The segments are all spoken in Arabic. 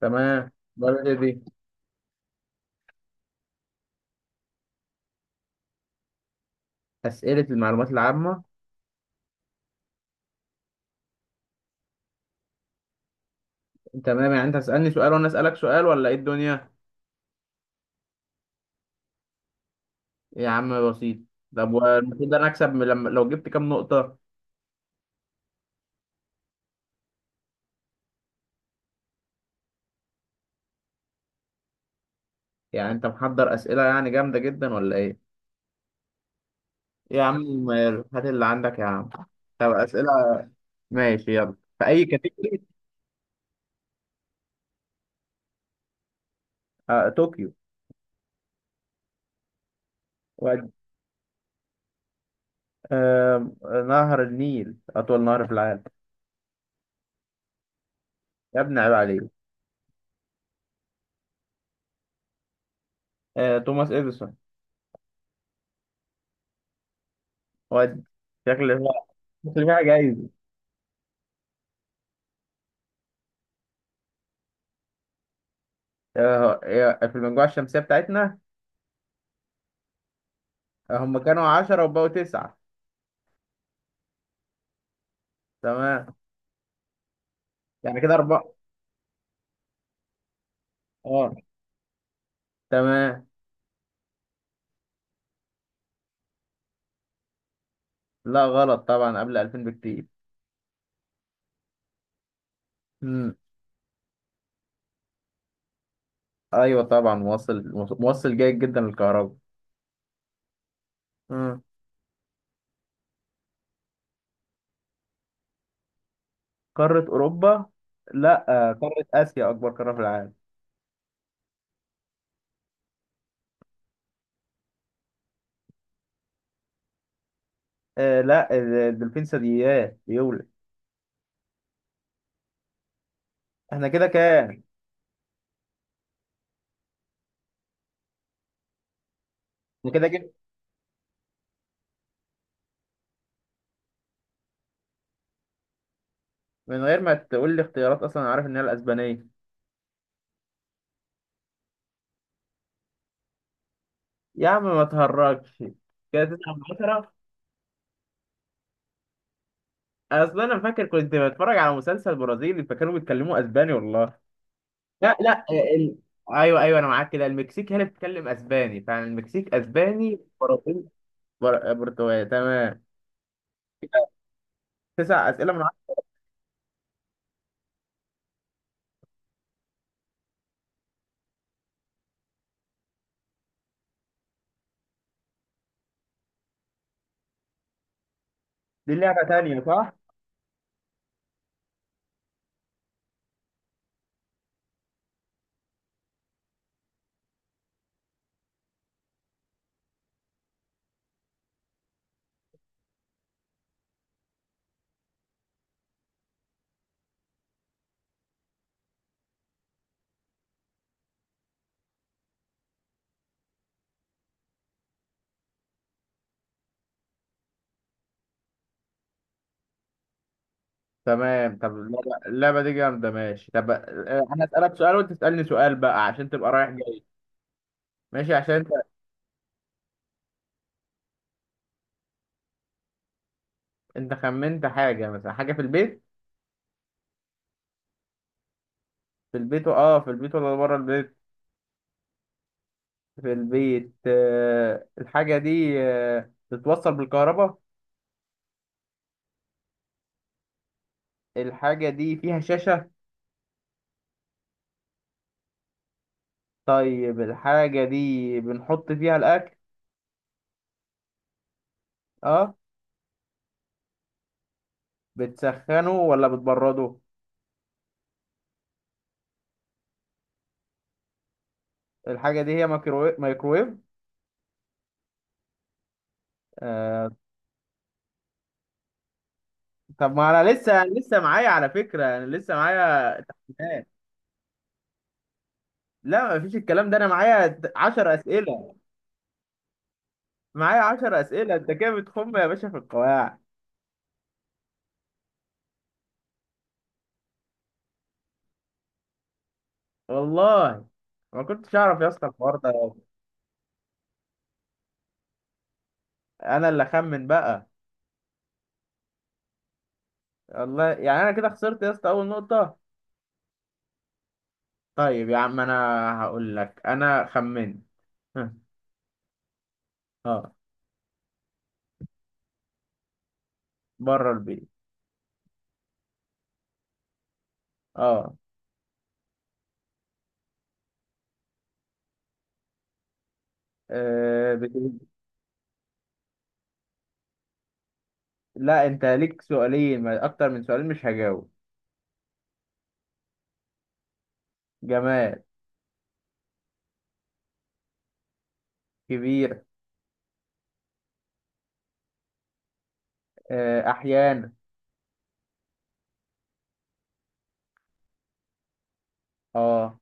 تمام. برضه دي أسئلة المعلومات العامة. تمام، يعني أنت هتسألني سؤال وأنا أسألك سؤال ولا إيه الدنيا؟ يا عم بسيط. طب والمفروض أنا أكسب من لما لو جبت كام نقطة؟ يعني أنت محضر أسئلة يعني جامدة جدا ولا إيه؟ يا عم ماله، هات اللي عندك يا عم. طب أسئلة. ماشي، يلا في أي كاتيجوري؟ طوكيو. ود- آه، نهر النيل أطول نهر في العالم. يا ابني عيب عليك. توماس إديسون. ود شكل فيها شكل فيها جايزة. في المجموعة الشمسية بتاعتنا. هم كانوا 10 وبقوا 9. تمام، يعني كده أربعة. اه تمام. لا غلط طبعا، قبل 2000 بكتير. امم. ايوه طبعا موصل، موصل جيد جدا للكهرباء. امم قارة أوروبا؟ لا، قارة آسيا أكبر قارة في العالم. لا، الدولفين ثدييات بيولد. احنا كده كام؟ احنا كده جبت. من غير ما تقول لي اختيارات أصلا أنا عارف إن هي الأسبانية. يا عم ما تهرجش. كده 9 من 10. أصل أنا فاكر كنت بتفرج على مسلسل برازيلي فكانوا بيتكلموا أسباني والله. لا لا ايوه ايوه، انا معاك. كده المكسيك هي اللي بتتكلم اسباني، فعلا المكسيك اسباني، برازيل برتغالي. تمام. كده تسع اسئله من عشرة. دي لعبه تانيه صح؟ تمام، طب اللعبة دي جامده. ماشي، طب انا اسالك سؤال وانت تسالني سؤال بقى عشان تبقى رايح جاي. ماشي عشان انت. انت خمنت حاجه، مثلا حاجه في البيت. في البيت في البيت ولا بره البيت؟ في البيت. الحاجه دي بتتوصل بالكهرباء. الحاجه دي فيها شاشه؟ طيب الحاجة دي بنحط فيها الأكل. اه، بتسخنه ولا بتبرده؟ الحاجة دي هي مايكروويف، مايكروويف. آه. طب ما أنا لسه معايا على فكرة، أنا لسه معايا تحديدات. لا مفيش الكلام ده، أنا معايا عشر أسئلة. معايا عشر أسئلة. أنت كده بتخم يا باشا في القواعد. والله ما كنتش أعرف يا اسطى الحوار ده. أنا اللي أخمن بقى. والله يعني أنا كده خسرت يا اسطى أول نقطة. طيب يا عم، أنا هقول لك أنا خمنت. ها. آه. بره البيت. اه. آه، بت... لا، انت ليك سؤالين، اكتر من سؤالين مش هجاوب. جماد. كبير. احيانا. اه.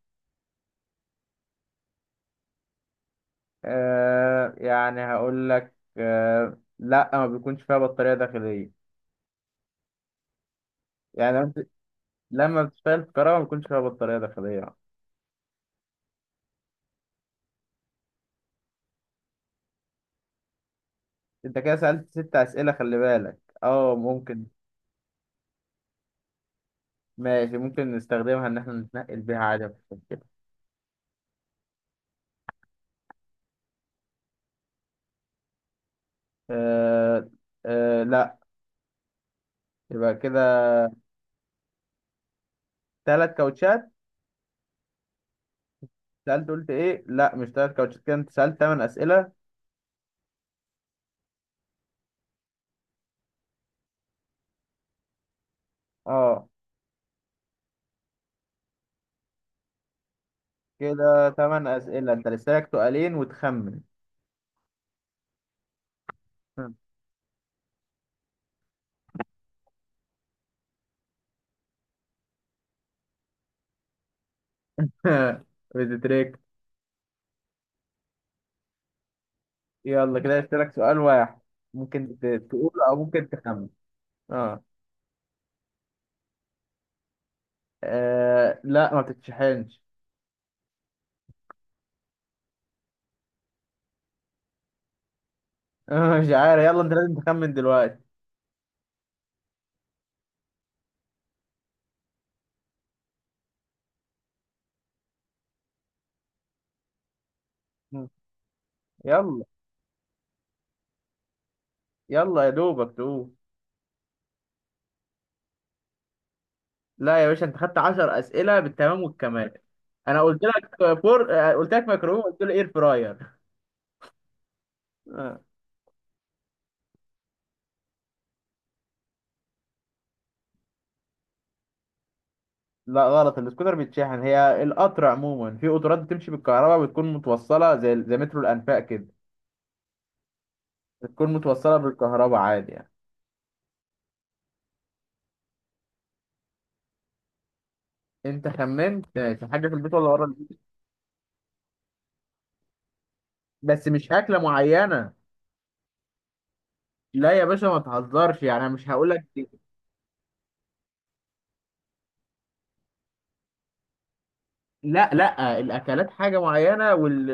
يعني هقول لك، لا، ما بيكونش فيها بطارية داخلية. يعني لما بتشتغل في كهرباء ما بيكونش فيها بطارية داخلية. انت كده سألت ست اسئلة، خلي بالك. اه ممكن. ماشي، ممكن نستخدمها ان احنا نتنقل بيها عادي مفيش مشكلة. آه. لا. يبقى كده. ثلاث كاوتشات. سألت، قلت ايه؟ لا، مش تلات كاوتشات. كده انت سألت تمن أسئلة. اه. كده تمن أسئلة، انت لسه لك سؤالين وتخمن. بتتريك. يلا كده لسه لك سؤال واحد. ممكن تقوله او ممكن تخمن. اه, لا، ما بتتشحنش. مش عارف، يلا انت لازم تخمن دلوقتي. مم. يلا. يلا يا دوبك تقول. لا يا باشا، انت خدت 10 أسئلة بالتمام والكمال. انا قلت لك فور، قلت لك ميكروويف، قلت له اير فراير. لا غلط، السكوتر بيتشحن. هي القطر عموما، في قطارات بتمشي بالكهرباء، بتكون متوصلة زي مترو الأنفاق كده. بتكون متوصلة بالكهرباء عادي يعني. انت خمنت ماشي، حاجة في البيت ولا بره البيت؟ بس مش أكلة معينة. لا يا باشا ما تهزرش، يعني أنا مش هقول لك. لا لا، الأكلات حاجة معينة، وال,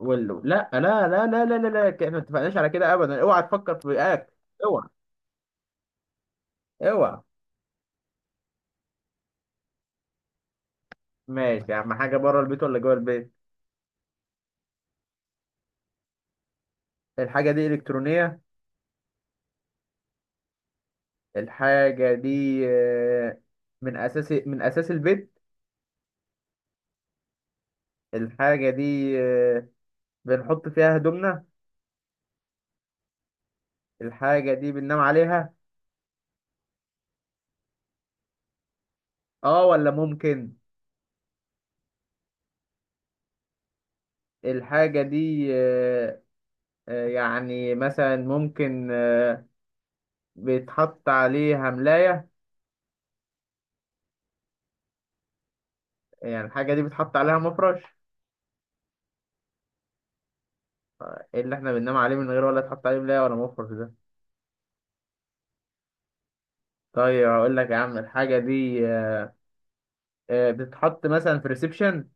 وال... لا لا. لا لا لا لا لا احنا ما اتفقناش على كده أبدا، اوعى تفكر في أكل. اوعى. اوعى. ماشي يا عم، حاجة بره البيت ولا جوه البيت؟ الحاجة دي إلكترونية؟ الحاجة دي آه، من أساس البيت. الحاجة دي بنحط فيها هدومنا؟ الحاجة دي بننام عليها؟ اه، ولا ممكن. الحاجة دي يعني مثلا ممكن بيتحط عليها ملاية. يعني الحاجة دي بيتحط عليها مفرش. إيه اللي احنا بننام عليه من غير ولا تحط عليه ملاية ولا مفرش ده؟ طيب أقول لك يا عم، الحاجة دي بتتحط مثلا في ريسبشن.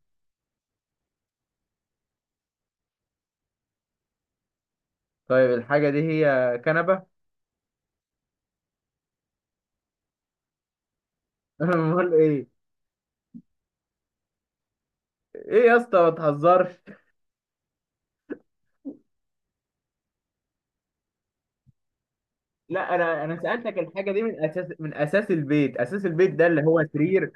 طيب الحاجة دي هي كنبة. امال ايه؟ ايه يا اسطى ما تهزرش. لا انا سالتك الحاجه دي من اساس البيت، اساس البيت ده اللي هو سرير.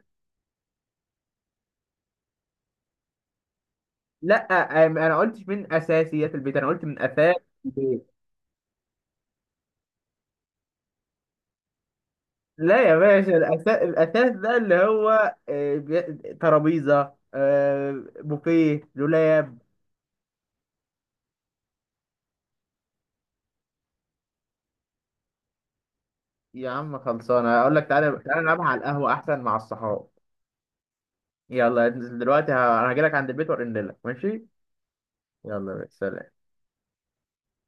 لا انا قلتش من اساسيات البيت، انا قلت من اثاث البيت. لا يا باشا، الاساس الاثاث ده اللي هو ترابيزه، بوفيه، دولاب. يا عم خلصانه، اقول لك تعالى تعالى نلعبها على القهوه احسن مع الصحاب. يلا ننزل دلوقتي، انا هجيلك عند البيت وارن لك ماشي. يلا سلام.